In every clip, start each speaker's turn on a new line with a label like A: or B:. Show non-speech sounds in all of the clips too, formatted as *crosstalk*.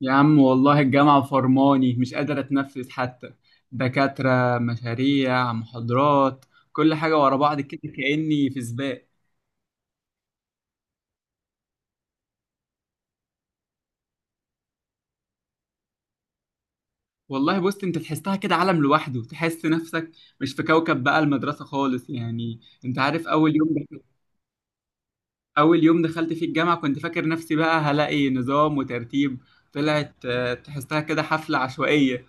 A: يا عم والله الجامعة فرماني، مش قادر أتنفس حتى. دكاترة، مشاريع، محاضرات، كل حاجة ورا بعض كده كأني في سباق. والله بص أنت تحسها كده عالم لوحده، تحس نفسك مش في كوكب بقى، المدرسة خالص يعني. أنت عارف أول يوم دخلت في الجامعة كنت فاكر نفسي بقى هلاقي نظام وترتيب، طلعت تحسها كده حفلة عشوائية.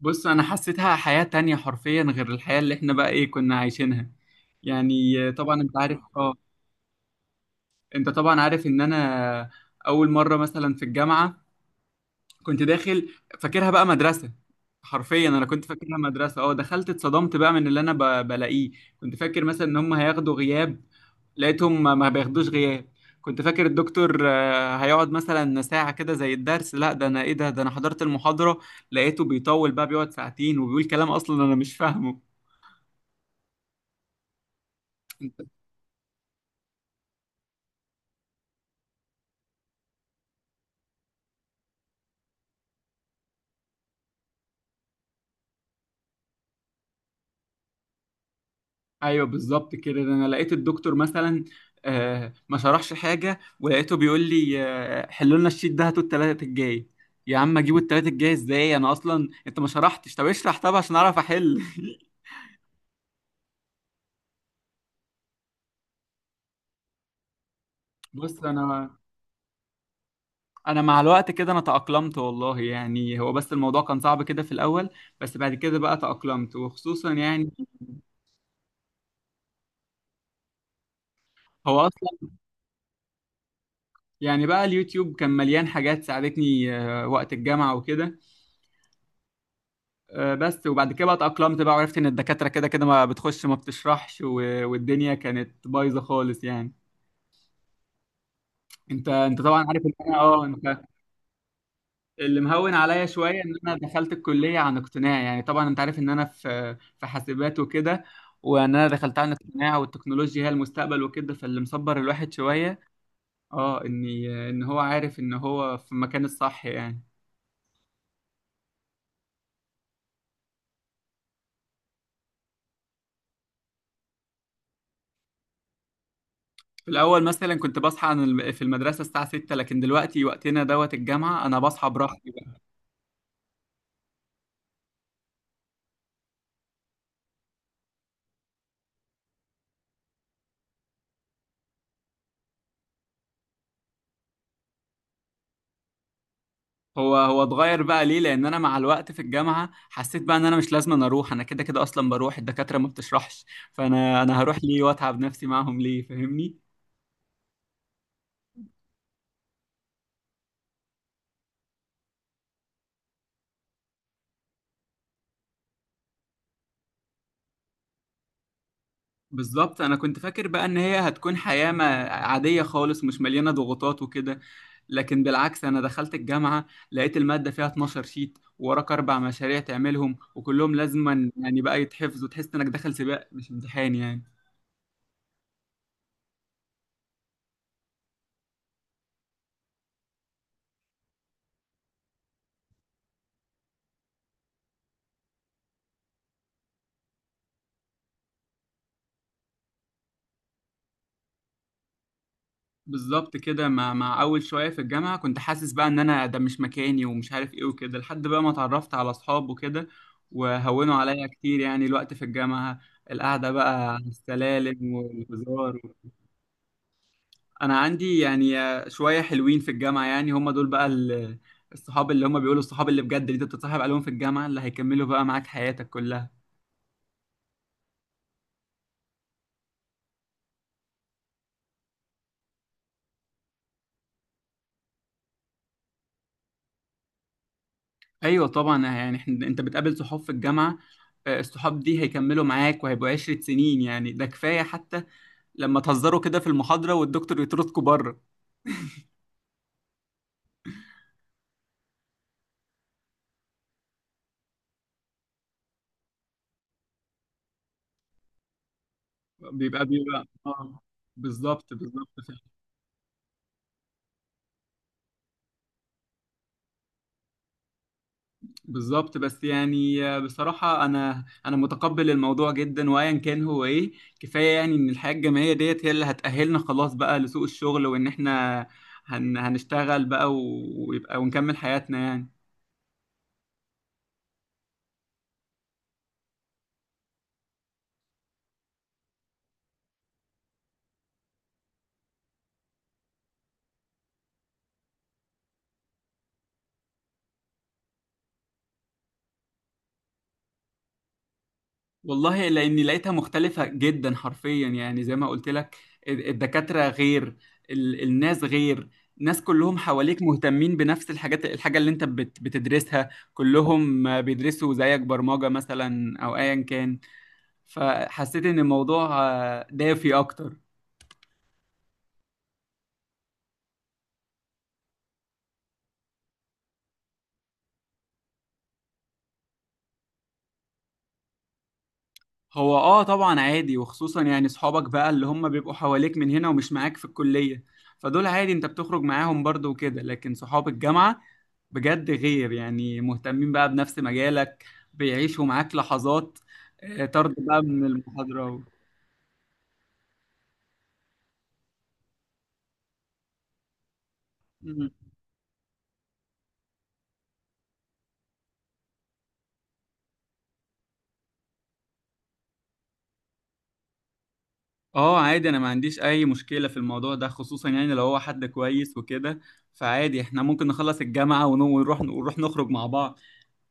A: بص أنا حسيتها حياة تانية حرفيا غير الحياة اللي إحنا بقى إيه كنا عايشينها، يعني طبعا أنت عارف انت طبعا عارف ان انا اول مره مثلا في الجامعه كنت داخل فاكرها بقى مدرسه، حرفيا انا كنت فاكرها مدرسه. اه دخلت اتصدمت بقى من اللي انا بلاقيه. كنت فاكر مثلا ان هم هياخدوا غياب، لقيتهم ما بياخدوش غياب. كنت فاكر الدكتور هيقعد مثلا ساعة كده زي الدرس، لا ده انا ايه ده انا حضرت المحاضرة، لقيته بيطول بقى بيقعد ساعتين وبيقول كلام اصلا انا مش فاهمه. ايوه بالظبط كده، ده انا لقيت الدكتور مثلا ما شرحش حاجه، ولقيته بيقول لي حلوا لنا الشيت ده، هاتوا التلاتة الجاي. يا عم اجيبوا التلاتة الجاي ازاي، انا اصلا انت ما شرحتش، طب اشرح طب عشان اعرف احل. *laughs* بص انا مع الوقت كده انا تأقلمت والله، يعني هو بس الموضوع كان صعب كده في الاول، بس بعد كده بقى تأقلمت. وخصوصا يعني هو اصلا يعني بقى اليوتيوب كان مليان حاجات ساعدتني وقت الجامعه وكده. بس وبعد كده بقى اتأقلمت بقى وعرفت ان الدكاترة كده كده ما بتخش ما بتشرحش، والدنيا كانت بايظة خالص يعني. انت طبعا عارف ان انا اه انت اللي مهون عليا شوية ان انا دخلت الكلية عن اقتناع، يعني طبعا انت عارف ان انا في حاسبات وكده، وان انا دخلت عن اقتناع والتكنولوجيا هي المستقبل وكده، فاللي مصبر الواحد شوية اه اني ان هو عارف ان هو في المكان الصح يعني. في الأول مثلا كنت بصحى عن في المدرسة الساعة 6، لكن دلوقتي وقتنا دوت الجامعة أنا بصحى براحتي. هو هو اتغير بقى ليه، لان انا مع الوقت في الجامعه حسيت بقى ان انا مش لازم أنا اروح، انا كده كده اصلا بروح الدكاتره ما بتشرحش، فانا هروح ليه واتعب نفسي معاهم ليه، فاهمني؟ بالظبط، انا كنت فاكر بقى ان هي هتكون حياه ما عاديه خالص مش مليانه ضغوطات وكده، لكن بالعكس انا دخلت الجامعه لقيت الماده فيها 12 شيت ووراك 4 مشاريع تعملهم وكلهم لازما يعني بقى يتحفظوا، تحس انك داخل سباق مش امتحان يعني. بالظبط كده، مع اول شويه في الجامعه كنت حاسس بقى ان انا ده مش مكاني ومش عارف ايه وكده، لحد بقى ما اتعرفت على اصحاب وكده، وهونوا عليا كتير يعني الوقت في الجامعه، القعده بقى على السلالم والهزار. انا عندي يعني شويه حلوين في الجامعه، يعني هم دول بقى الصحاب اللي هم بيقولوا الصحاب اللي بجد، اللي انت بتتصاحب عليهم في الجامعه اللي هيكملوا بقى معاك حياتك كلها. ايوه طبعا، يعني انت بتقابل صحاب في الجامعه، الصحاب دي هيكملوا معاك وهيبقوا 10 سنين يعني، ده كفاية حتى لما تهزروا كده في المحاضرة والدكتور يطردكوا بره. بيبقى بيبقى اه بالظبط، بالظبط فعلا. بالظبط بس يعني بصراحة أنا متقبل الموضوع جدا وأيا كان هو إيه، كفاية يعني إن الحياة الجامعية ديت هي اللي هتأهلنا خلاص بقى لسوق الشغل، وإن إحنا هنشتغل بقى ويبقى ونكمل حياتنا يعني. والله لاني لقيتها مختلفه جدا حرفيا، يعني زي ما قلت لك، الدكاتره غير، الناس غير، ناس كلهم حواليك مهتمين بنفس الحاجات، الحاجه اللي انت بتدرسها كلهم بيدرسوا زيك، برمجه مثلا او ايا كان، فحسيت ان الموضوع دافي اكتر. هو طبعا عادي، وخصوصا يعني صحابك بقى اللي هم بيبقوا حواليك من هنا ومش معاك في الكلية، فدول عادي انت بتخرج معاهم برضو وكده، لكن صحاب الجامعة بجد غير يعني، مهتمين بقى بنفس مجالك، بيعيشوا معاك لحظات طرد بقى من المحاضرة و... مم. اه، عادي انا ما عنديش اي مشكلة في الموضوع ده، خصوصا يعني لو هو حد كويس وكده، فعادي احنا ممكن نخلص الجامعة ونو- ونروح نروح نخرج مع بعض،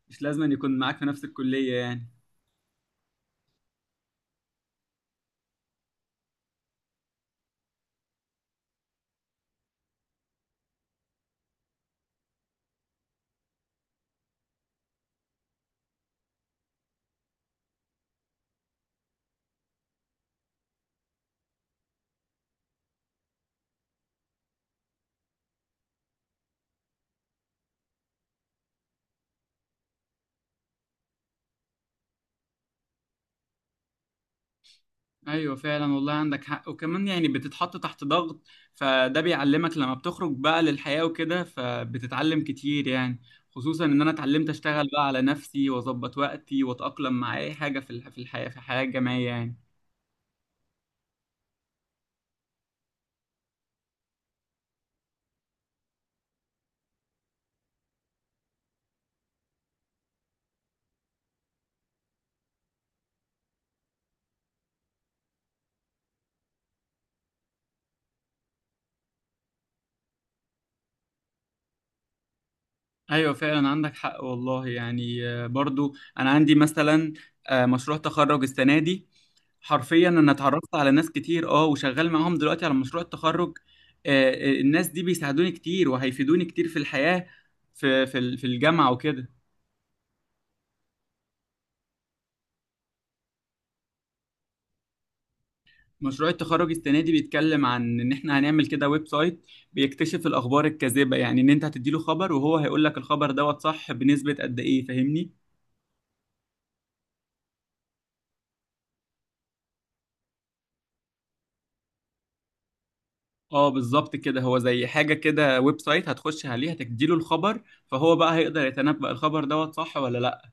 A: مش لازم أن يكون معاك في نفس الكلية يعني. ايوه فعلا والله عندك حق، وكمان يعني بتتحط تحت ضغط، فده بيعلمك لما بتخرج بقى للحياة وكده فبتتعلم كتير يعني، خصوصا ان انا اتعلمت اشتغل بقى على نفسي واظبط وقتي واتأقلم مع اي حاجة في في الحياة الجامعية يعني. ايوه فعلا عندك حق والله، يعني برضو انا عندي مثلا مشروع تخرج السنه دي، حرفيا انا اتعرفت على ناس كتير وشغال معاهم دلوقتي على مشروع التخرج. آه، الناس دي بيساعدوني كتير وهيفيدوني كتير في الحياه، في في الجامعه وكده. مشروع التخرج السنه دي بيتكلم عن ان احنا هنعمل كده ويب سايت بيكتشف الاخبار الكاذبه، يعني ان انت هتديله خبر وهو هيقول لك الخبر دوت صح بنسبه قد ايه، فاهمني؟ اه بالظبط كده، هو زي حاجة كده، ويب سايت هتخش عليه هتديله الخبر، فهو بقى هيقدر يتنبأ الخبر دوت صح ولا لا.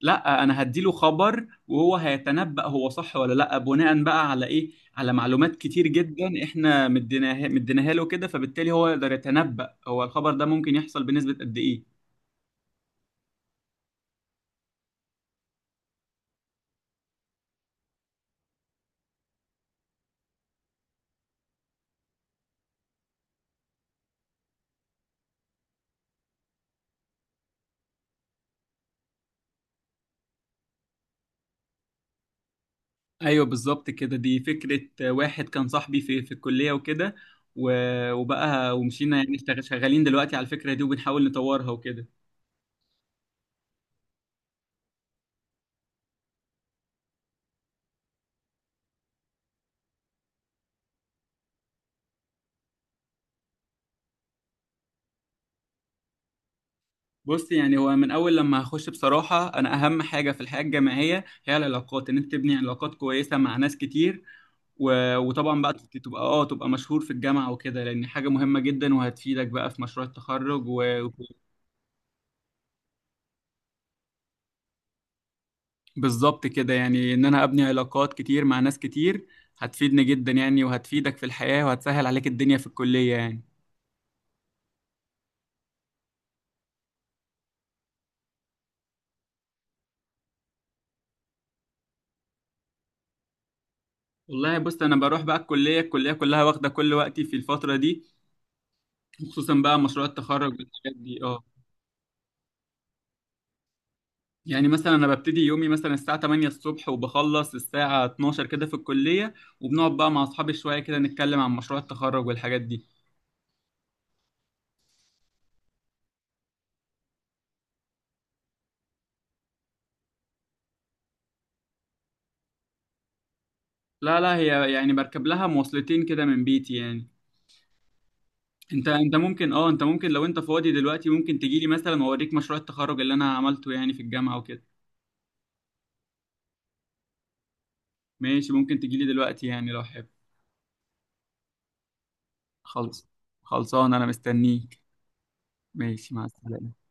A: لا، انا هديله خبر وهو هيتنبأ هو صح ولا لا بناء بقى على ايه، على معلومات كتير جدا احنا مديناها له كده، فبالتالي هو يقدر يتنبأ هو الخبر ده ممكن يحصل بنسبة قد ايه. ايوه بالظبط كده، دي فكرة واحد كان صاحبي في الكلية وكده، وبقى ومشينا يعني شغالين دلوقتي على الفكرة دي وبنحاول نطورها وكده. بص يعني هو من اول لما هخش بصراحه، انا اهم حاجه في الحياه الجامعيه هي العلاقات، ان انت تبني علاقات كويسه مع ناس كتير وطبعا بقى تبقى مشهور في الجامعه وكده، لان حاجه مهمه جدا وهتفيدك بقى في مشروع التخرج و... بالظبط كده، يعني ان انا ابني علاقات كتير مع ناس كتير هتفيدني جدا يعني، وهتفيدك في الحياه وهتسهل عليك الدنيا في الكليه يعني. والله بص انا بروح بقى الكليه الكليه كلها، واخده كل وقتي في الفتره دي خصوصا بقى مشروع التخرج والحاجات دي يعني مثلا انا ببتدي يومي مثلا الساعة 8 الصبح وبخلص الساعة 12 كده في الكلية، وبنقعد بقى مع اصحابي شوية كده نتكلم عن مشروع التخرج والحاجات دي. لا لا، هي يعني بركب لها مواصلتين كده من بيتي يعني. انت ممكن لو انت فاضي دلوقتي ممكن تجيلي مثلا واوريك مشروع التخرج اللي انا عملته يعني في الجامعة وكده. ماشي، ممكن تجيلي دلوقتي يعني لو حابب. خلص خلصان انا مستنيك. ماشي مع السلامة.